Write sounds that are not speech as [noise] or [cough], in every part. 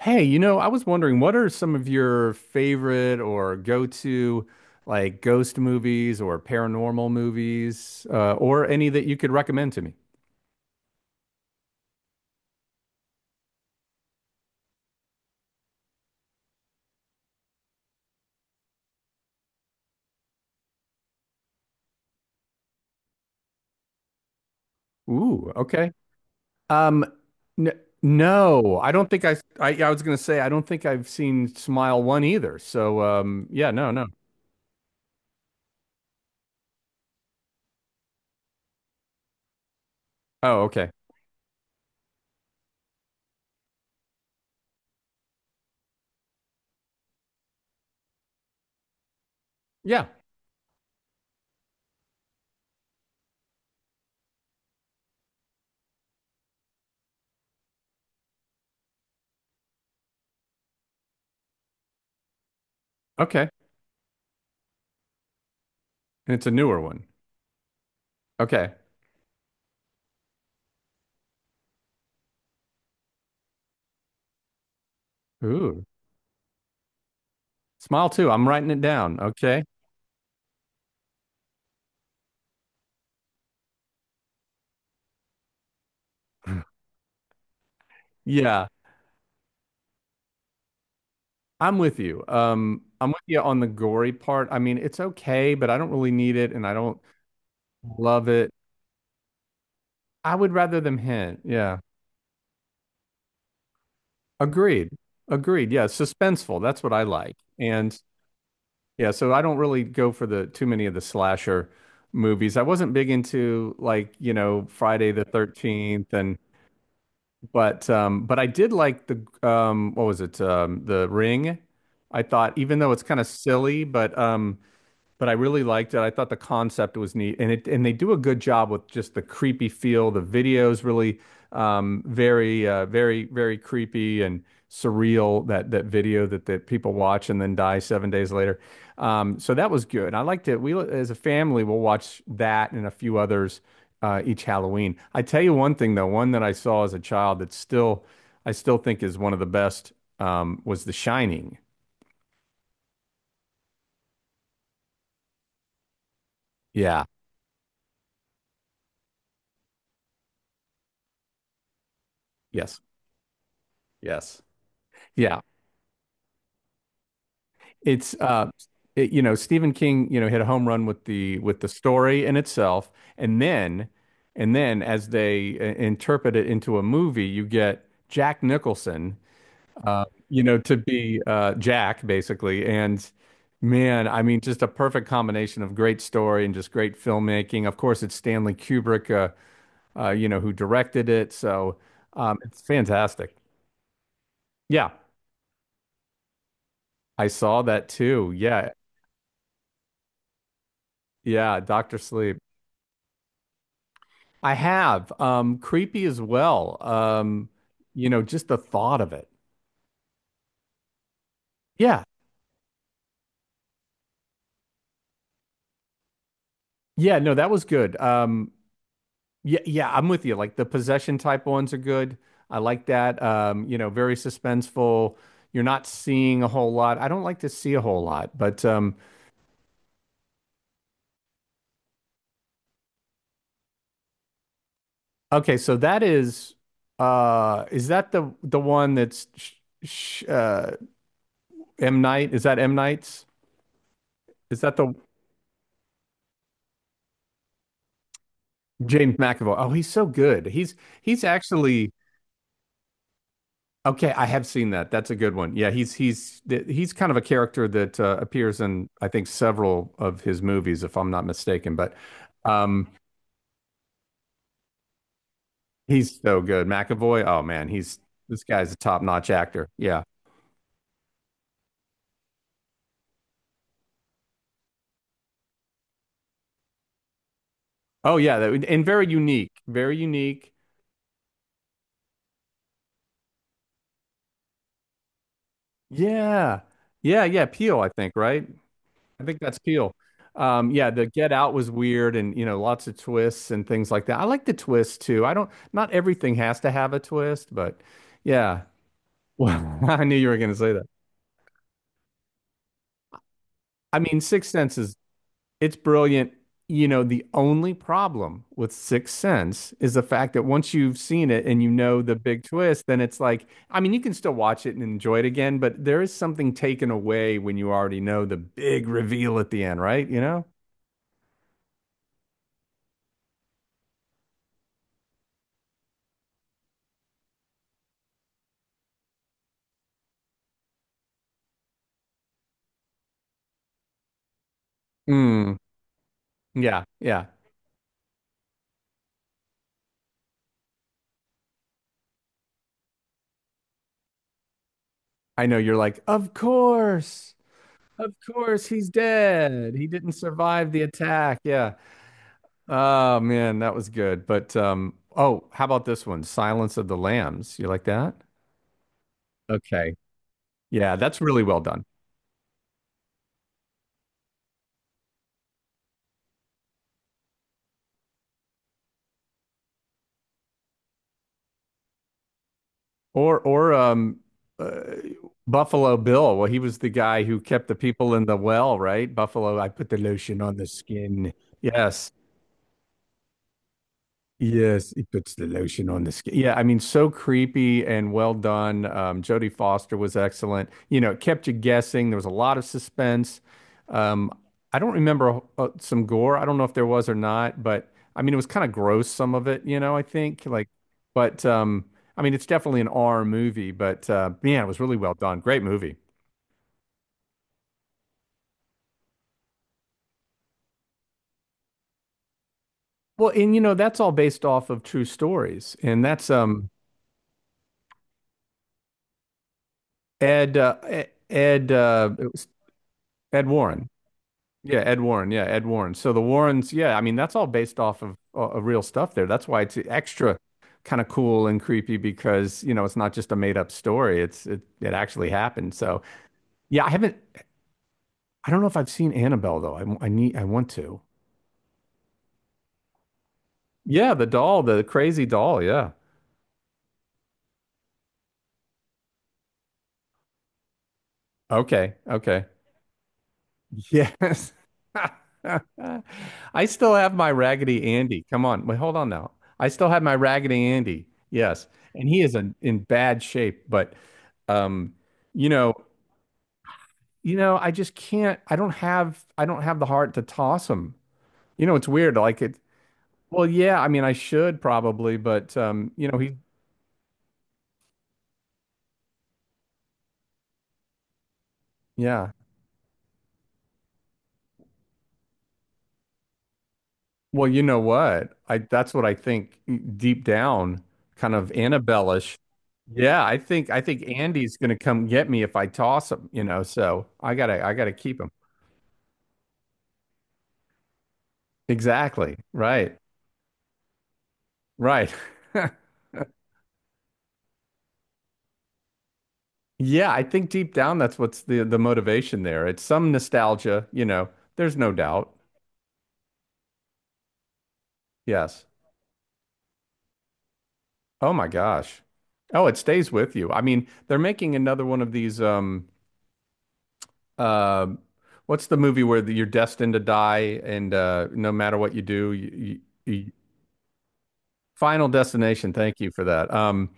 Hey, you know, I was wondering, what are some of your favorite or go-to like ghost movies or paranormal movies, or any that you could recommend to me? Ooh, okay. Um, n No, I don't think I. yeah, I was gonna say I don't think I've seen Smile One either. So, yeah, no, no. Oh, okay. Yeah, okay. And it's a newer one. Okay. Ooh, Smile Two. I'm writing it down. Okay. [sighs] [laughs] Yeah. I'm with you. I'm with you on the gory part. I mean, it's okay, but I don't really need it and I don't love it. I would rather them hint. Yeah. Agreed. Agreed. Yeah. Suspenseful. That's what I like. And yeah, so I don't really go for the too many of the slasher movies. I wasn't big into like, you know, Friday the 13th and but I did like the what was it? The Ring. I thought even though it's kind of silly, but I really liked it. I thought the concept was neat, and it and they do a good job with just the creepy feel. The videos really very creepy and surreal. That video that people watch and then die 7 days later. So that was good. I liked it. We as a family will watch that and a few others each Halloween. I tell you one thing though, one that I saw as a child that still I still think is one of the best was The Shining. Yeah. Yes. Yes. Yeah, it's uh it, you know, Stephen King, you know, hit a home run with the story in itself, and then as they interpret it into a movie, you get Jack Nicholson, you know, to be Jack basically. And man, I mean just a perfect combination of great story and just great filmmaking. Of course, it's Stanley Kubrick, you know, who directed it, so it's fantastic. Yeah, I saw that too. Yeah, yeah, Dr. Sleep. I have. Creepy as well. You know, just the thought of it. Yeah. Yeah, no, that was good. Yeah, yeah, I'm with you. Like the possession type ones are good. I like that. You know, very suspenseful. You're not seeing a whole lot. I don't like to see a whole lot, but okay, so that is that the one that's sh sh M. Night? Is that M. Night's? Is that the James McAvoy? Oh, he's so good. He's actually Okay, I have seen that. That's a good one. Yeah, he's he's kind of a character that appears in I think several of his movies, if I'm not mistaken. But um, he's so good. McAvoy. Oh man, he's this guy's a top-notch actor. Yeah. Oh yeah, that, and very unique. Very unique. Yeah, yeah, yeah. Peel, I think, right? I think that's Peel. Yeah, the Get Out was weird, and you know, lots of twists and things like that. I like the twist too. I don't. Not everything has to have a twist, but yeah. Well, [laughs] I knew you were going to say that. I mean, Sixth Sense is it's brilliant. You know, the only problem with Sixth Sense is the fact that once you've seen it and you know the big twist, then it's like, I mean, you can still watch it and enjoy it again, but there is something taken away when you already know the big reveal at the end, right? You know? Mm, yeah, yeah. I know you're like, of course, he's dead. He didn't survive the attack. Yeah. Oh man, that was good. But oh, how about this one? Silence of the Lambs. You like that? Okay. Yeah, that's really well done. Or uh, Buffalo Bill. Well, he was the guy who kept the people in the well, right? Buffalo, I put the lotion on the skin. Yes. Yes, he puts the lotion on the skin. Yeah, I mean, so creepy and well done. Jodie Foster was excellent. You know, it kept you guessing. There was a lot of suspense. Um, I don't remember some gore. I don't know if there was or not, but I mean, it was kind of gross, some of it, you know, I think. Like, but I mean, it's definitely an R movie, but man, it was really well done. Great movie. Well, and you know, that's all based off of true stories. And that's Ed, E-, Ed, it was Ed Warren. Yeah, Ed Warren. Yeah, Ed Warren. So the Warrens, yeah, I mean that's all based off of real stuff there. That's why it's extra kind of cool and creepy because, you know, it's not just a made up story. It actually happened. So, yeah, I don't know if I've seen Annabelle though. I want to. Yeah, the doll, the crazy doll, yeah. Okay. Okay. Yes. [laughs] I still have my Raggedy Andy. Come on. Wait, hold on now. I still have my Raggedy Andy. Yes. And he is in bad shape, but um, you know, you know, I just can't I don't have the heart to toss him. You know, it's weird. Like it well, yeah, I mean I should probably, but you know, he yeah. Well, you know what? I that's what I think, deep down, kind of Annabelle-ish. Yeah, I think Andy's gonna come get me if I toss him, you know, so I gotta keep him. Exactly. Right. Right. [laughs] Yeah, I think deep down that's what's the motivation there. It's some nostalgia, you know. There's no doubt. Yes. Oh my gosh. Oh, it stays with you. I mean, they're making another one of these Um, what's the movie where you're destined to die, and no matter what you do, you, you- Final Destination. Thank you for that.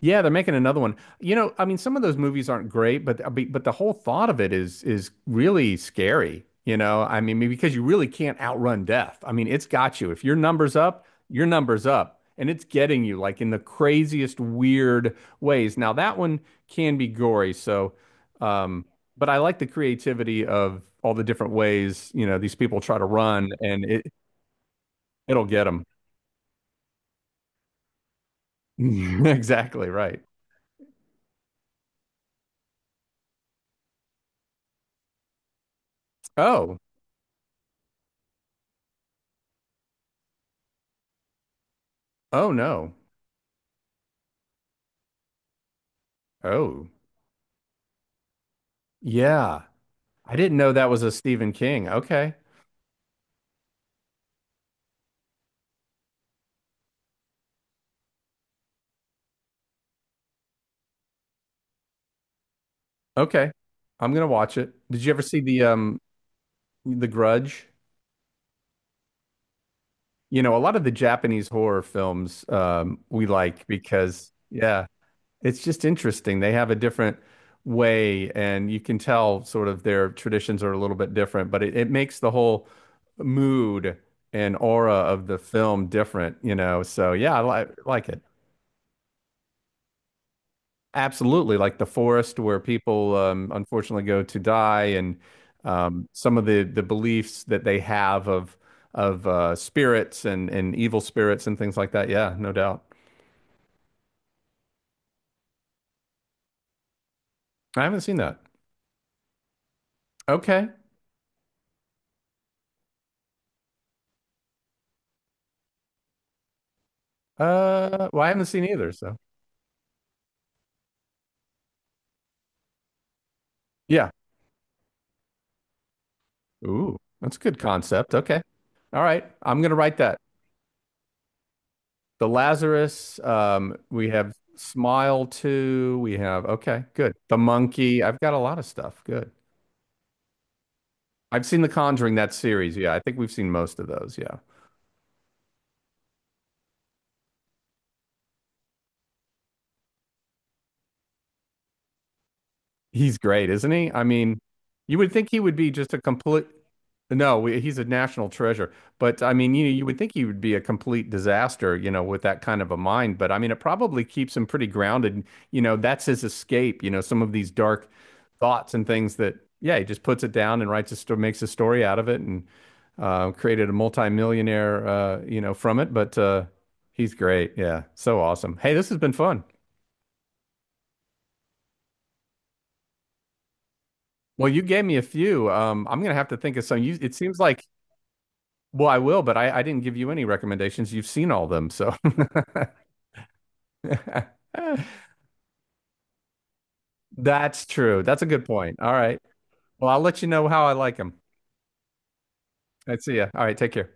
Yeah, they're making another one. You know, I mean, some of those movies aren't great, but the whole thought of it is really scary. You know, I mean, because you really can't outrun death. I mean, it's got you. If your number's up, your number's up, and it's getting you like in the craziest, weird ways. Now that one can be gory, so, um, but I like the creativity of all the different ways, you know, these people try to run, and it it'll get them. [laughs] Exactly right. Oh, oh no, oh. Yeah. I didn't know that was a Stephen King. Okay. Okay. I'm gonna watch it. Did you ever see the Grudge? You know, a lot of the Japanese horror films we like because yeah, it's just interesting. They have a different way and you can tell sort of their traditions are a little bit different, but it makes the whole mood and aura of the film different, you know. So yeah, I li like it. Absolutely, like the forest where people unfortunately go to die, and some of the beliefs that they have of spirits and evil spirits and things like that. Yeah, no doubt. I haven't seen that. Okay. Well, I haven't seen either. So yeah. Ooh, that's a good concept. Okay. All right. I'm gonna write that. The Lazarus. We have Smile too. We have okay. Good. The monkey. I've got a lot of stuff. Good. I've seen The Conjuring, that series. Yeah, I think we've seen most of those. Yeah. He's great, isn't he? I mean, you would think he would be just a complete, no, we- he's a national treasure. But I mean, you know, you would think he would be a complete disaster, you know, with that kind of a mind. But I mean, it probably keeps him pretty grounded. You know, that's his escape, you know, some of these dark thoughts and things that, yeah, he just puts it down and writes a story, makes a story out of it and created a multimillionaire, you know, from it. But he's great. Yeah. So awesome. Hey, this has been fun. Well, you gave me a few. I'm gonna have to think of some. You, it seems like, well, I will, but I didn't give you any recommendations. You've seen all of them, so [laughs] that's true. That's a good point. All right. Well, I'll let you know how I like them. I see ya. All right, take care.